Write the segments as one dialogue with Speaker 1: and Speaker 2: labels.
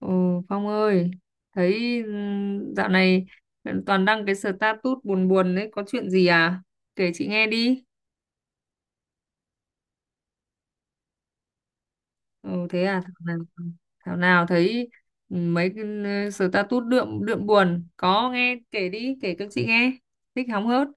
Speaker 1: Ừ, Phong ơi, thấy dạo này toàn đăng cái status buồn buồn đấy, có chuyện gì à? Kể chị nghe đi. Ừ, thế à, thảo nào thấy mấy cái status đượm đượm buồn, có nghe kể đi, kể cho chị nghe. Thích hóng hớt.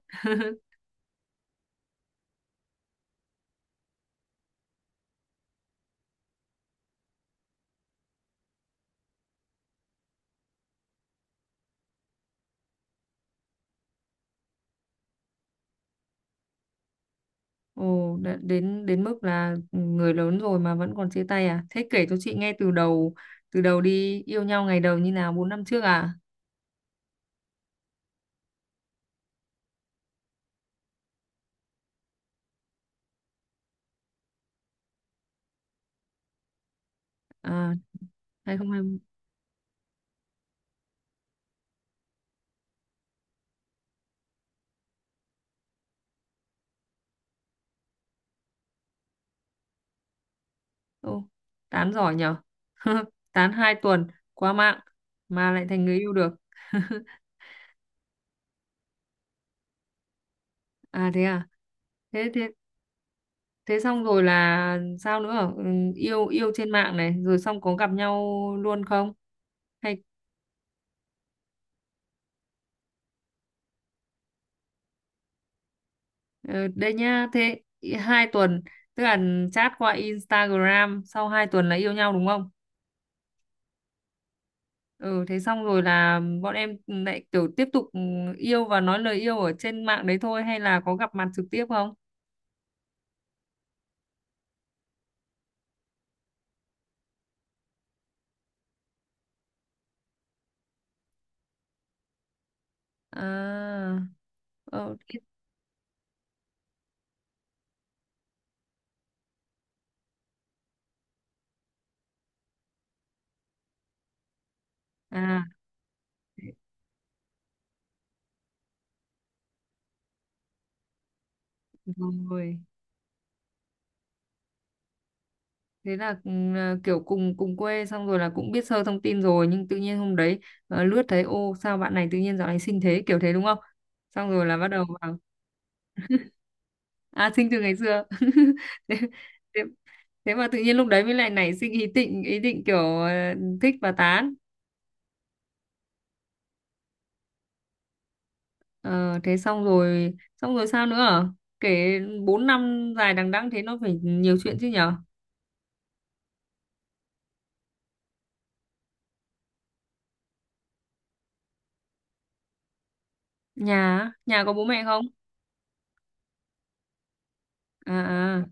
Speaker 1: Ồ, đến đến mức là người lớn rồi mà vẫn còn chia tay à? Thế kể cho chị nghe từ đầu đi, yêu nhau ngày đầu như nào, 4 năm trước à? À, hai không hai. Ô, tán giỏi nhở. Tán hai tuần qua mạng mà lại thành người yêu được. À, thế à? Thế thế thế xong rồi là sao nữa? Ừ, yêu yêu trên mạng này rồi xong có gặp nhau luôn không hay ờ, đây nhá? Thế hai tuần tức là chat qua Instagram sau hai tuần là yêu nhau đúng không? Ừ, thế xong rồi là bọn em lại kiểu tiếp tục yêu và nói lời yêu ở trên mạng đấy thôi hay là có gặp mặt trực tiếp không? À, ờ, thế- à, rồi. Thế là là kiểu cùng cùng quê xong rồi là cũng biết sơ thông tin rồi nhưng tự nhiên hôm đấy lướt thấy ô sao bạn này tự nhiên dạo này xinh thế, kiểu thế đúng không? Xong rồi là bắt đầu vào. À, xinh từ ngày xưa. thế, thế, thế mà tự nhiên lúc đấy mới lại nảy sinh ý định, kiểu thích và tán. Ờ, thế xong rồi, sao nữa? À? Kể 4 năm dài đằng đẵng thế nó phải nhiều chuyện chứ nhở. Nhà á? Nhà có bố mẹ không? À, à.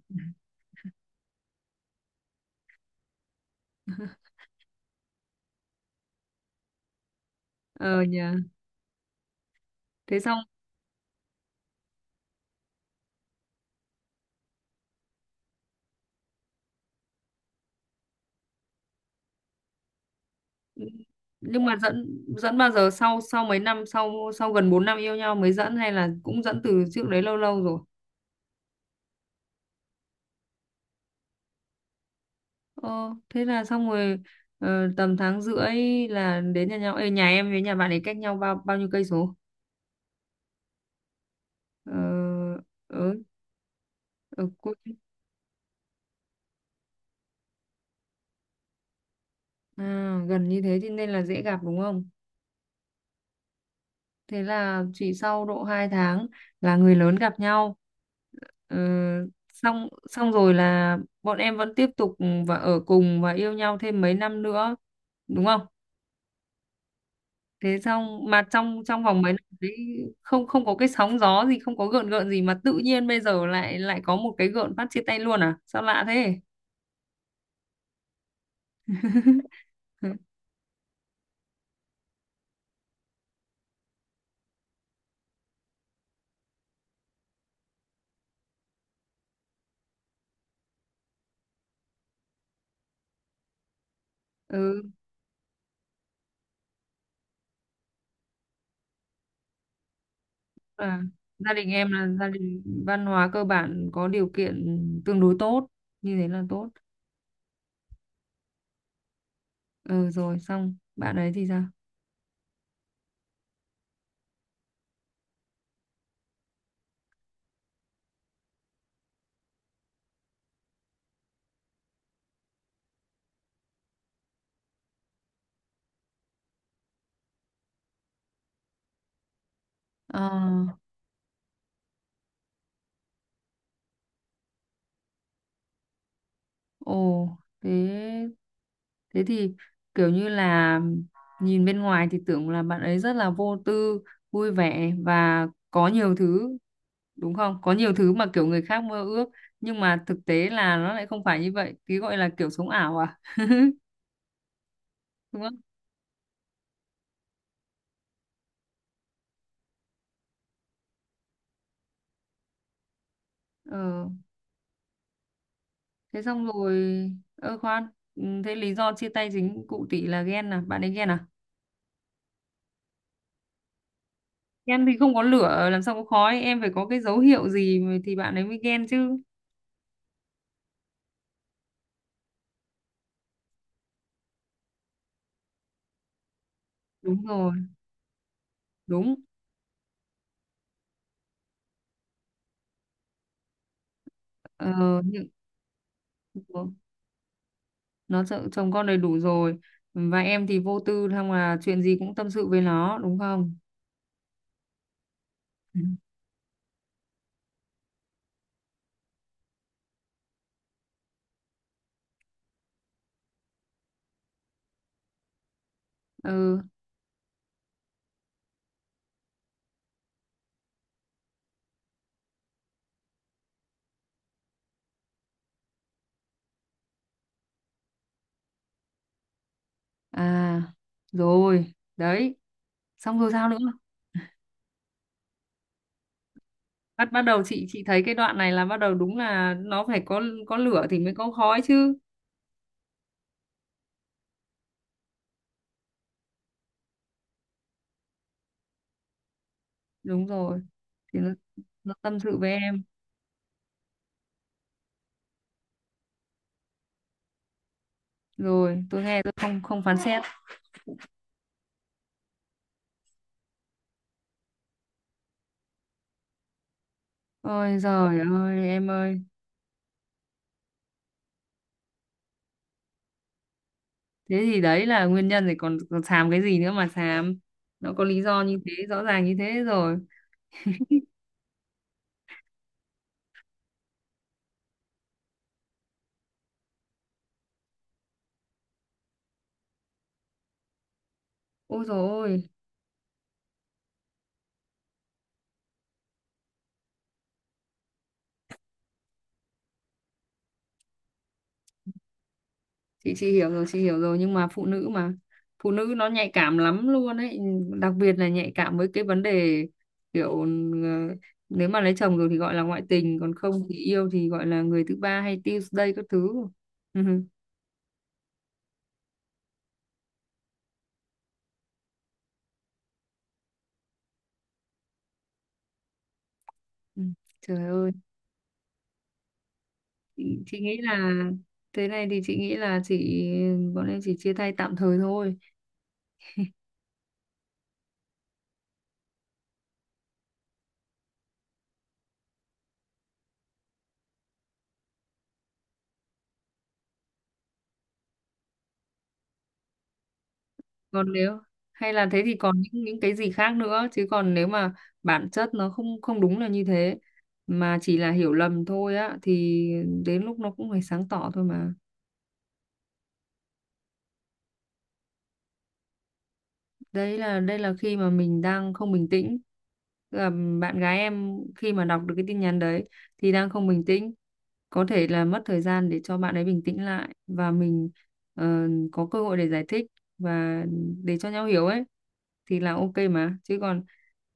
Speaker 1: Ờ nhà Thế xong nhưng mà dẫn dẫn bao giờ? Sau sau mấy năm sau, sau gần 4 năm yêu nhau mới dẫn hay là cũng dẫn từ trước đấy lâu lâu rồi? Ờ, Thế là xong rồi. Tầm tháng rưỡi là đến nhà nhau. Ê, nhà em với nhà bạn ấy cách nhau bao bao nhiêu cây số? ờ, ở ở cuối. À, gần như thế thì nên là dễ gặp đúng không? Thế là chỉ sau độ 2 tháng là người lớn gặp nhau. Ờ, xong xong rồi là bọn em vẫn tiếp tục và ở cùng và yêu nhau thêm mấy năm nữa, đúng không? Thế xong mà trong trong vòng mấy năm đấy không không có cái sóng gió gì, không có gợn gợn gì mà tự nhiên bây giờ lại lại có một cái gợn phát chia tay luôn à? Sao lạ thế? Ừ, à, gia đình em là gia đình văn hóa cơ bản có điều kiện tương đối tốt, như thế là tốt. Ừ, rồi, xong bạn ấy thì sao? Ờ ồ Thế thế thì kiểu như là nhìn bên ngoài thì tưởng là bạn ấy rất là vô tư, vui vẻ và có nhiều thứ, đúng không? Có nhiều thứ mà kiểu người khác mơ ước, nhưng mà thực tế là nó lại không phải như vậy. Cái gọi là kiểu sống ảo à, đúng không? ờ Thế xong rồi. Ơ khoan, thế lý do chia tay chính cụ tỷ là ghen à? Bạn ấy ghen à? Ghen thì không có lửa làm sao có khói, em phải có cái dấu hiệu gì thì bạn ấy mới ghen chứ. Đúng rồi. Đúng. ờ, những nó sợ chồng con đầy đủ rồi và em thì vô tư xong là chuyện gì cũng tâm sự với nó, đúng không? Ừ. À, rồi đấy, xong rồi sao nữa? Bắt bắt đầu, chị thấy cái đoạn này là bắt đầu, đúng là nó phải có lửa thì mới có khói chứ. Đúng rồi. Thì nó tâm sự với em. Rồi, tôi nghe, tôi không không phán xét. Ôi giời ơi em ơi. Thế thì đấy là nguyên nhân rồi, còn xàm cái gì nữa mà xàm. Nó có lý do như thế, rõ ràng như thế rồi. Ôi dồi ôi. Chị hiểu rồi, chị hiểu rồi, nhưng mà phụ nữ mà. Phụ nữ nó nhạy cảm lắm luôn ấy, đặc biệt là nhạy cảm với cái vấn đề kiểu nếu mà lấy chồng rồi thì gọi là ngoại tình, còn không thì yêu thì gọi là người thứ ba hay Tuesday các thứ. Ừ, ừ. Trời ơi. Chị nghĩ là thế này, thì chị nghĩ là bọn em chỉ chia tay tạm thời thôi. Còn nếu, hay là thế thì còn những cái gì khác nữa chứ, còn nếu mà bản chất nó không không đúng là như thế mà chỉ là hiểu lầm thôi á thì đến lúc nó cũng phải sáng tỏ thôi mà. Đấy là Đây là khi mà mình đang không bình tĩnh. Tức là bạn gái em khi mà đọc được cái tin nhắn đấy thì đang không bình tĩnh, có thể là mất thời gian để cho bạn ấy bình tĩnh lại và mình có cơ hội để giải thích và để cho nhau hiểu ấy, thì là ok mà, chứ còn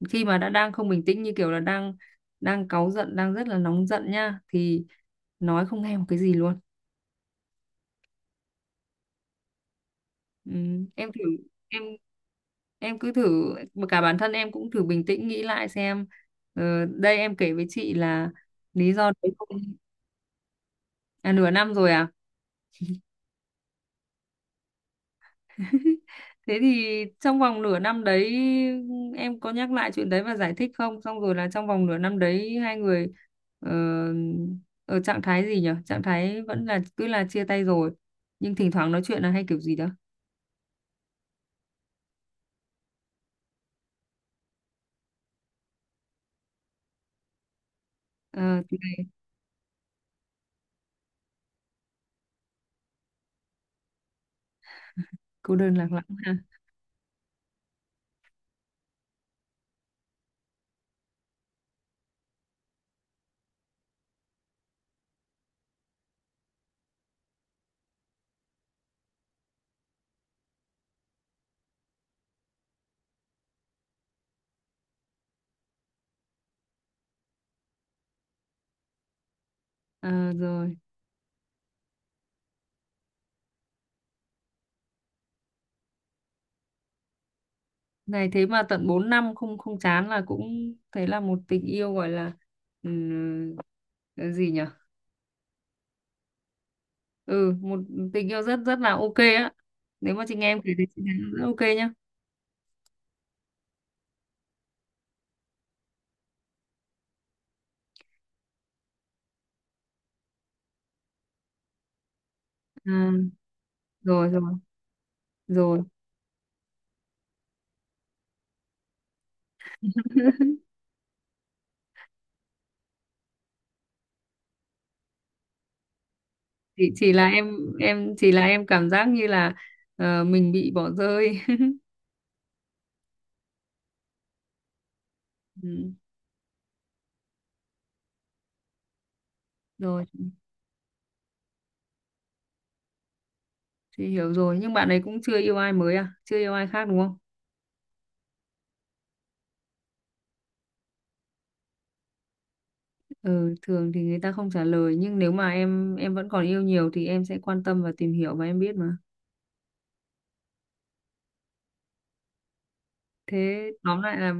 Speaker 1: khi mà đã đang không bình tĩnh, như kiểu là đang đang cáu giận, đang rất là nóng giận nha, thì nói không nghe một cái gì luôn. ừ, em thử, em em cứ thử mà, cả bản thân em cũng thử bình tĩnh nghĩ lại xem đây em kể với chị là lý do đấy không. À, nửa năm rồi à? Thế thì trong vòng nửa năm đấy em có nhắc lại chuyện đấy và giải thích không? Xong rồi là trong vòng nửa năm đấy hai người ờ, ở trạng thái gì nhỉ? Trạng thái vẫn là cứ là chia tay rồi nhưng thỉnh thoảng nói chuyện là hay kiểu gì đó. Ờ, thế này cô đơn lạc lõng ha. Ờ, rồi. Này, thế mà tận 4 năm không không chán là cũng thấy là một tình yêu gọi là ừm, cái gì nhỉ? Ừ, một tình yêu rất rất là ok á. Nếu mà chị nghe em kể thì chị thấy rất ok nhá. Ờ. Rồi, rồi, rồi. Chỉ là em chỉ là em cảm giác như là mình bị bỏ rơi. Ừ, rồi, chị hiểu rồi, nhưng bạn ấy cũng chưa yêu ai mới à? Chưa yêu ai khác đúng không? Ừ, thường thì người ta không trả lời, nhưng nếu mà em vẫn còn yêu nhiều thì em sẽ quan tâm và tìm hiểu và em biết mà. Thế tóm lại là...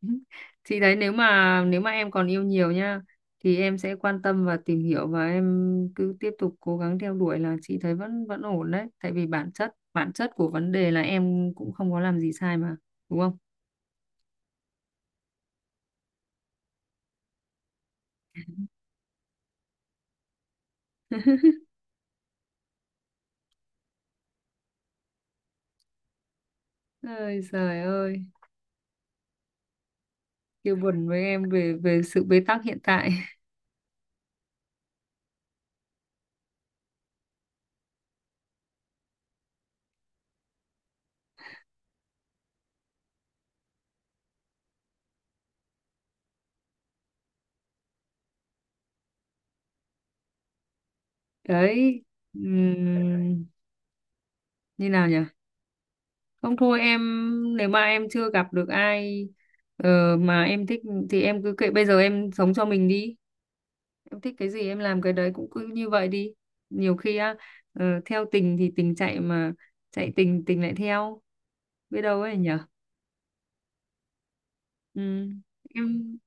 Speaker 1: Thì đấy, nếu mà em còn yêu nhiều nhá thì em sẽ quan tâm và tìm hiểu, và em cứ tiếp tục cố gắng theo đuổi là chị thấy vẫn vẫn ổn đấy, tại vì bản chất của vấn đề là em cũng không có làm gì sai mà, đúng không? Ơi trời ơi. Kêu buồn với em về về sự bế tắc hiện tại. Đấy, ừm, như nào nhỉ? Không thôi em, nếu mà em chưa gặp được ai mà em thích thì em cứ kệ, bây giờ em sống cho mình đi, em thích cái gì em làm cái đấy, cũng cứ như vậy đi. Nhiều khi á, theo tình thì tình chạy mà, chạy tình tình lại theo, biết đâu ấy nhở. Ừ. em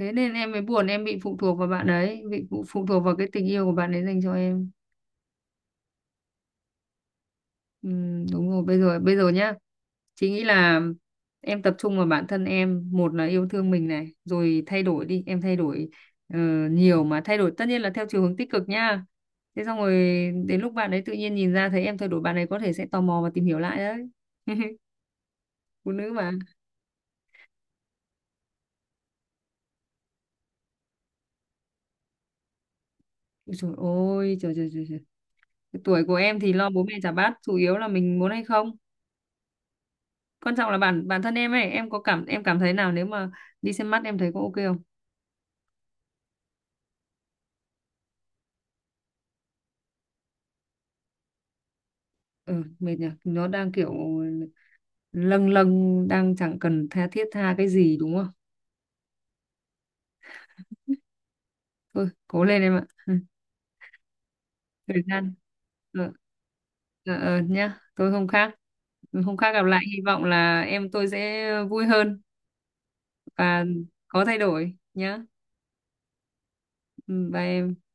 Speaker 1: Thế nên em mới buồn, em bị phụ thuộc vào bạn ấy, bị phụ phụ thuộc vào cái tình yêu của bạn ấy dành cho em. Ừ, đúng rồi. Bây giờ, nhá, chị nghĩ là em tập trung vào bản thân em, một là yêu thương mình này, rồi thay đổi đi, em thay đổi ờ, nhiều mà, thay đổi tất nhiên là theo chiều hướng tích cực nha. Thế xong rồi đến lúc bạn ấy tự nhiên nhìn ra thấy em thay đổi, bạn ấy có thể sẽ tò mò và tìm hiểu lại đấy. Phụ nữ mà. Ôi trời ơi, trời, trời, trời, trời. Cái tuổi của em thì lo bố mẹ chả bắt, chủ yếu là mình muốn hay không. Quan trọng là bản bản thân em ấy, em có cảm, em cảm thấy nào nếu mà đi xem mắt em thấy có ok không? Ừ, mệt nhỉ. Nó đang kiểu lâng lâng, đang chẳng cần tha thiết tha cái gì, đúng không? Thôi cố lên em ạ. Ừ, thời gian. ờ, nhá, tôi không khác không khác gặp lại, hy vọng là em tôi sẽ vui hơn và có thay đổi nhá. Ừ, bye em.